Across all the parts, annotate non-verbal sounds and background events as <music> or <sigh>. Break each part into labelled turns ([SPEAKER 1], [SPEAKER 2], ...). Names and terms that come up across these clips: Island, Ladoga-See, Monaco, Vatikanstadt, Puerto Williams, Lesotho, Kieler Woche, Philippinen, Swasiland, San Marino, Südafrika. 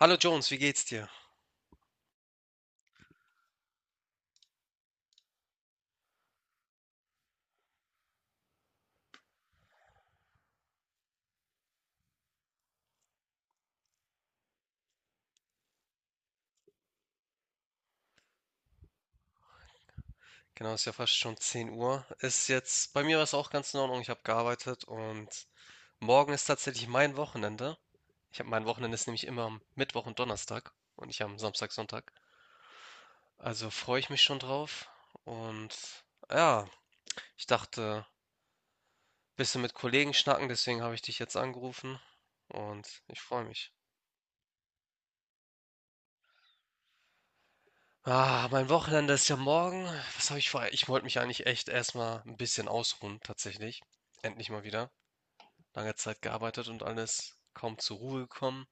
[SPEAKER 1] Hallo Jones, wie geht's dir? Genau, ist ja fast schon 10 Uhr. Bei mir war es auch ganz in Ordnung. Ich habe gearbeitet und morgen ist tatsächlich mein Wochenende. Ich habe Mein Wochenende ist nämlich immer am Mittwoch und Donnerstag und ich am Samstag, Sonntag. Also freue ich mich schon drauf. Und ja, ich dachte, bisschen mit Kollegen schnacken, deswegen habe ich dich jetzt angerufen und ich freue mich. Ah, mein Wochenende ist ja morgen. Was habe ich vor? Ich wollte mich eigentlich echt erstmal ein bisschen ausruhen, tatsächlich. Endlich mal wieder. Lange Zeit gearbeitet und alles, kaum zur Ruhe gekommen.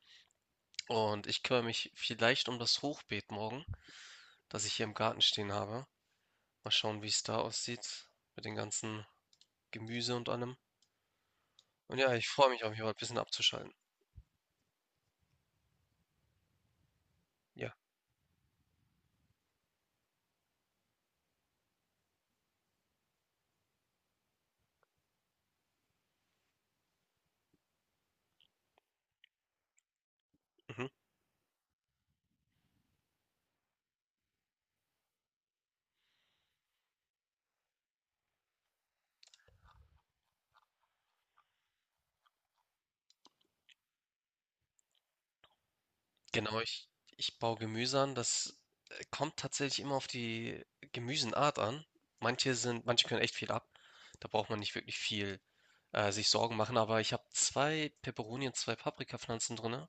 [SPEAKER 1] Und ich kümmere mich vielleicht um das Hochbeet morgen, das ich hier im Garten stehen habe. Mal schauen, wie es da aussieht mit den ganzen Gemüse und allem. Und ja, ich freue mich auf jeden Fall, ein bisschen abzuschalten. Ja, mhm. Genau, ich baue Gemüse an. Das kommt tatsächlich immer auf die Gemüsenart an. Manche können echt viel ab. Da braucht man nicht wirklich viel sich Sorgen machen. Aber ich habe zwei Peperoni und zwei Paprikapflanzen drin.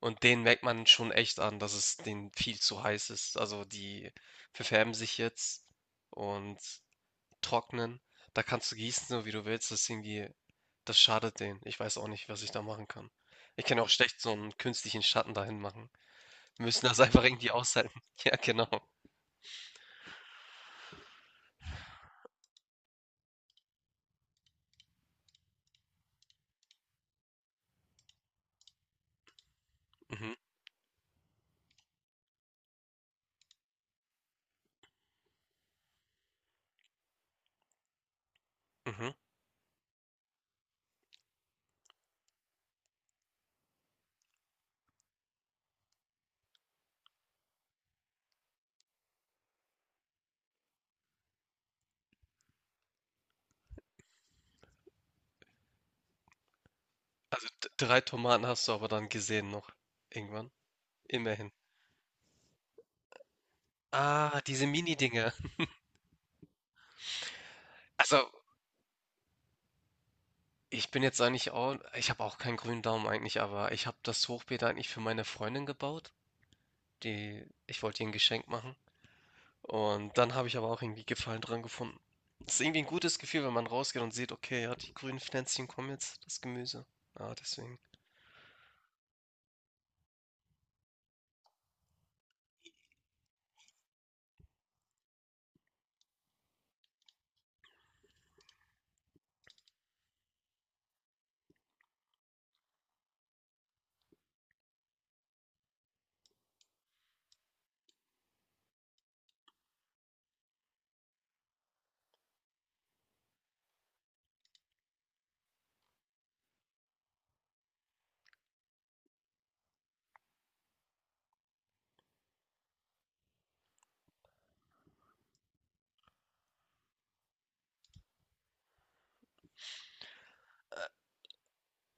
[SPEAKER 1] Und den merkt man schon echt an, dass es denen viel zu heiß ist. Also die verfärben sich jetzt und trocknen. Da kannst du gießen, so wie du willst. Das schadet denen. Ich weiß auch nicht, was ich da machen kann. Ich kann auch schlecht so einen künstlichen Schatten dahin machen. Wir müssen das einfach irgendwie aushalten. <laughs> Ja, genau. Mhm, mhm. Also drei Tomaten hast du aber dann gesehen noch. Irgendwann. Immerhin. Ah, diese Mini-Dinger. <laughs> Also ich bin jetzt eigentlich auch, ich habe auch keinen grünen Daumen eigentlich, aber ich habe das Hochbeet eigentlich für meine Freundin gebaut. Die Ich wollte ihr ein Geschenk machen und dann habe ich aber auch irgendwie Gefallen dran gefunden. Es ist irgendwie ein gutes Gefühl, wenn man rausgeht und sieht: „Okay, ja, die grünen Pflänzchen kommen jetzt, das Gemüse." Ja, deswegen.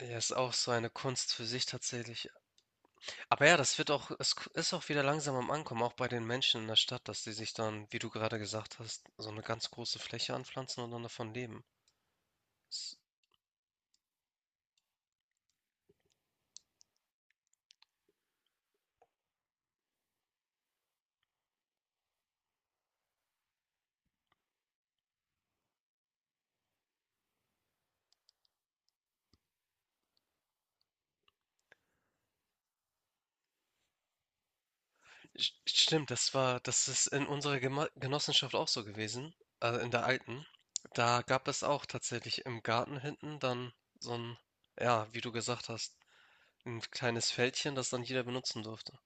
[SPEAKER 1] Ja, ist auch so eine Kunst für sich tatsächlich. Aber ja, das wird auch, es ist auch wieder langsam am Ankommen, auch bei den Menschen in der Stadt, dass sie sich dann, wie du gerade gesagt hast, so eine ganz große Fläche anpflanzen und dann davon leben. St Stimmt, das ist in unserer Gema Genossenschaft auch so gewesen, also in der alten. Da gab es auch tatsächlich im Garten hinten dann so ein, ja, wie du gesagt hast, ein kleines Feldchen, das dann jeder benutzen durfte.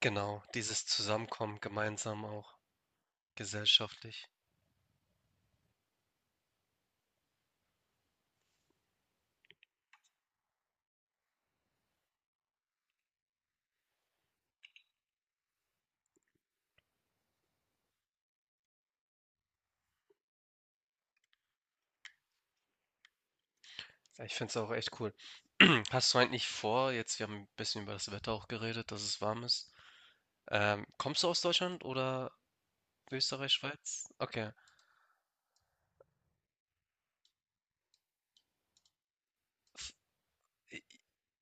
[SPEAKER 1] Genau, dieses Zusammenkommen gemeinsam auch gesellschaftlich. Ja, ich finde es auch echt cool. <clears throat> Hast du eigentlich vor, jetzt, wir haben ein bisschen über das Wetter auch geredet, dass es warm ist. Kommst du aus Deutschland oder Österreich, Schweiz? Okay.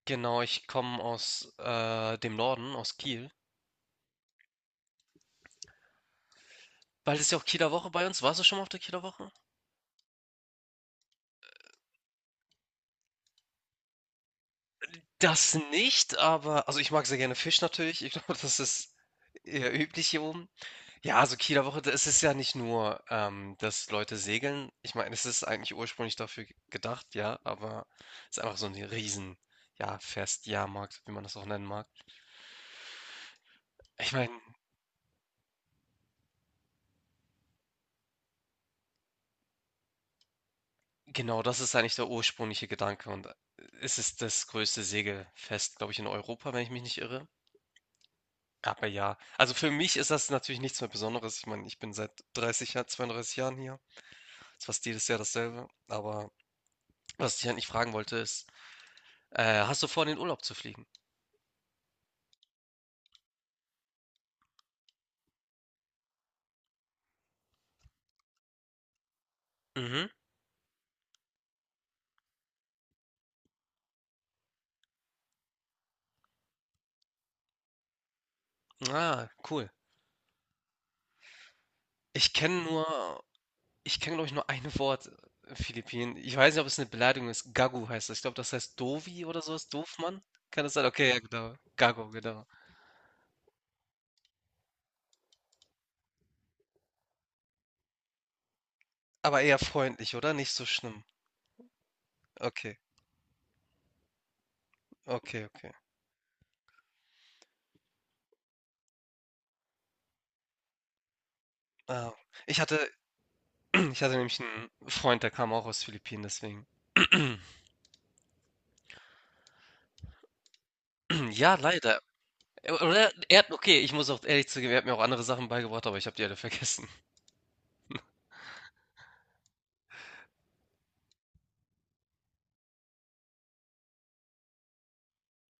[SPEAKER 1] Genau, ich komme aus dem Norden, aus Kiel. Bald ist ja auch Kieler Woche bei uns. Warst du schon mal auf der Kieler Woche? Das nicht, aber also ich mag sehr gerne Fisch natürlich. Ich glaube, das ist eher üblich hier oben. Ja, also Kieler Woche, es ist ja nicht nur, dass Leute segeln. Ich meine, es ist eigentlich ursprünglich dafür gedacht, ja, aber es ist einfach so ein riesen, ja, Fest, Jahrmarkt, wie man das auch nennen mag. Ich meine, genau, das ist eigentlich der ursprüngliche Gedanke und es ist das größte Segelfest, glaube ich, in Europa, wenn ich mich nicht irre. Aber ja, also für mich ist das natürlich nichts mehr Besonderes. Ich meine, ich bin seit 30 Jahren, 32 Jahren hier. Ist fast jedes Jahr dasselbe. Aber was ich eigentlich fragen wollte ist, hast du vor, in den Urlaub zu fliegen? Mhm. Ah, cool. Ich kenne nur, Ich kenne, glaube ich, nur ein Wort, Philippinen. Ich weiß nicht, ob es eine Beleidigung ist. Gagu heißt das. Ich glaube, das heißt Dovi oder sowas. Doofmann? Kann das sein? Okay, ja, genau. Gago, genau. Aber eher freundlich, oder? Nicht so schlimm. Okay, okay, okay. Ah, ich hatte <clears throat> ich hatte nämlich einen Freund, der kam auch aus Philippinen, deswegen. <clears throat> Ja, leider. Oder er hat, okay, ich muss auch ehrlich zugeben, er hat mir auch andere Sachen beigebracht, aber ich habe die alle <laughs> vergessen.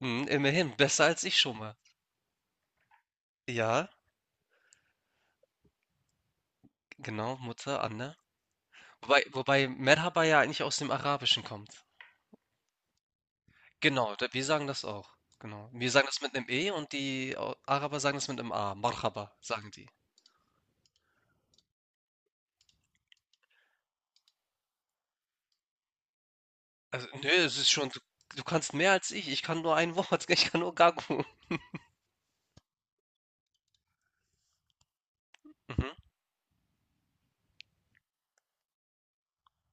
[SPEAKER 1] Mhm, immerhin, besser als ich schon mal. Ja, genau, Mutter, Anne. Wobei Merhaba ja eigentlich aus dem Arabischen kommt. Genau, da wir sagen das auch, genau. Wir sagen das mit 'nem E und die au Araber sagen das mit 'nem A. Marhaba, sagen die. Also, ne, es ist schon, du kannst mehr als ich. Ich kann nur ein Wort. <laughs> Ich kann nur Gagu. Mhm.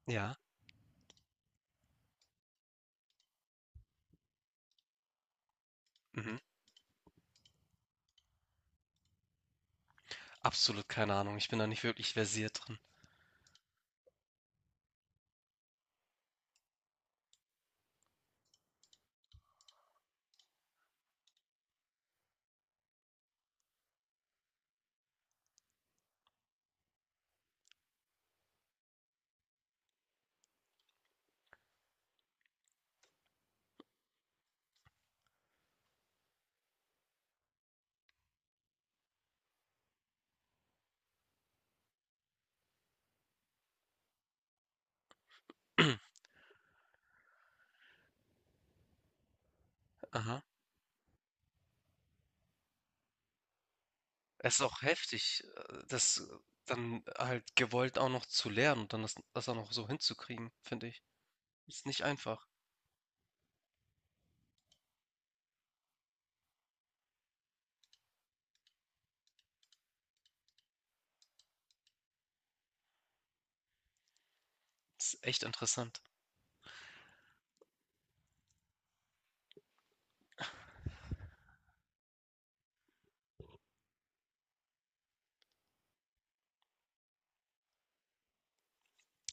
[SPEAKER 1] Ja. Mhm. Absolut keine Ahnung. Ich bin da nicht wirklich versiert drin. <clears throat> Aha. Es ist auch heftig, das dann halt gewollt auch noch zu lernen und dann das auch noch so hinzukriegen, finde ich. Ist nicht einfach. Ist echt interessant.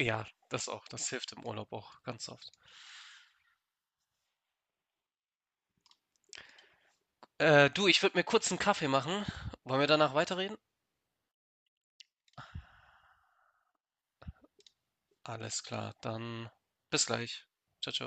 [SPEAKER 1] Ja, das auch. Das hilft im Urlaub auch ganz oft. Du, ich würde mir kurz einen Kaffee machen. Wollen wir danach weiterreden? Alles klar, dann bis gleich. Ciao, ciao.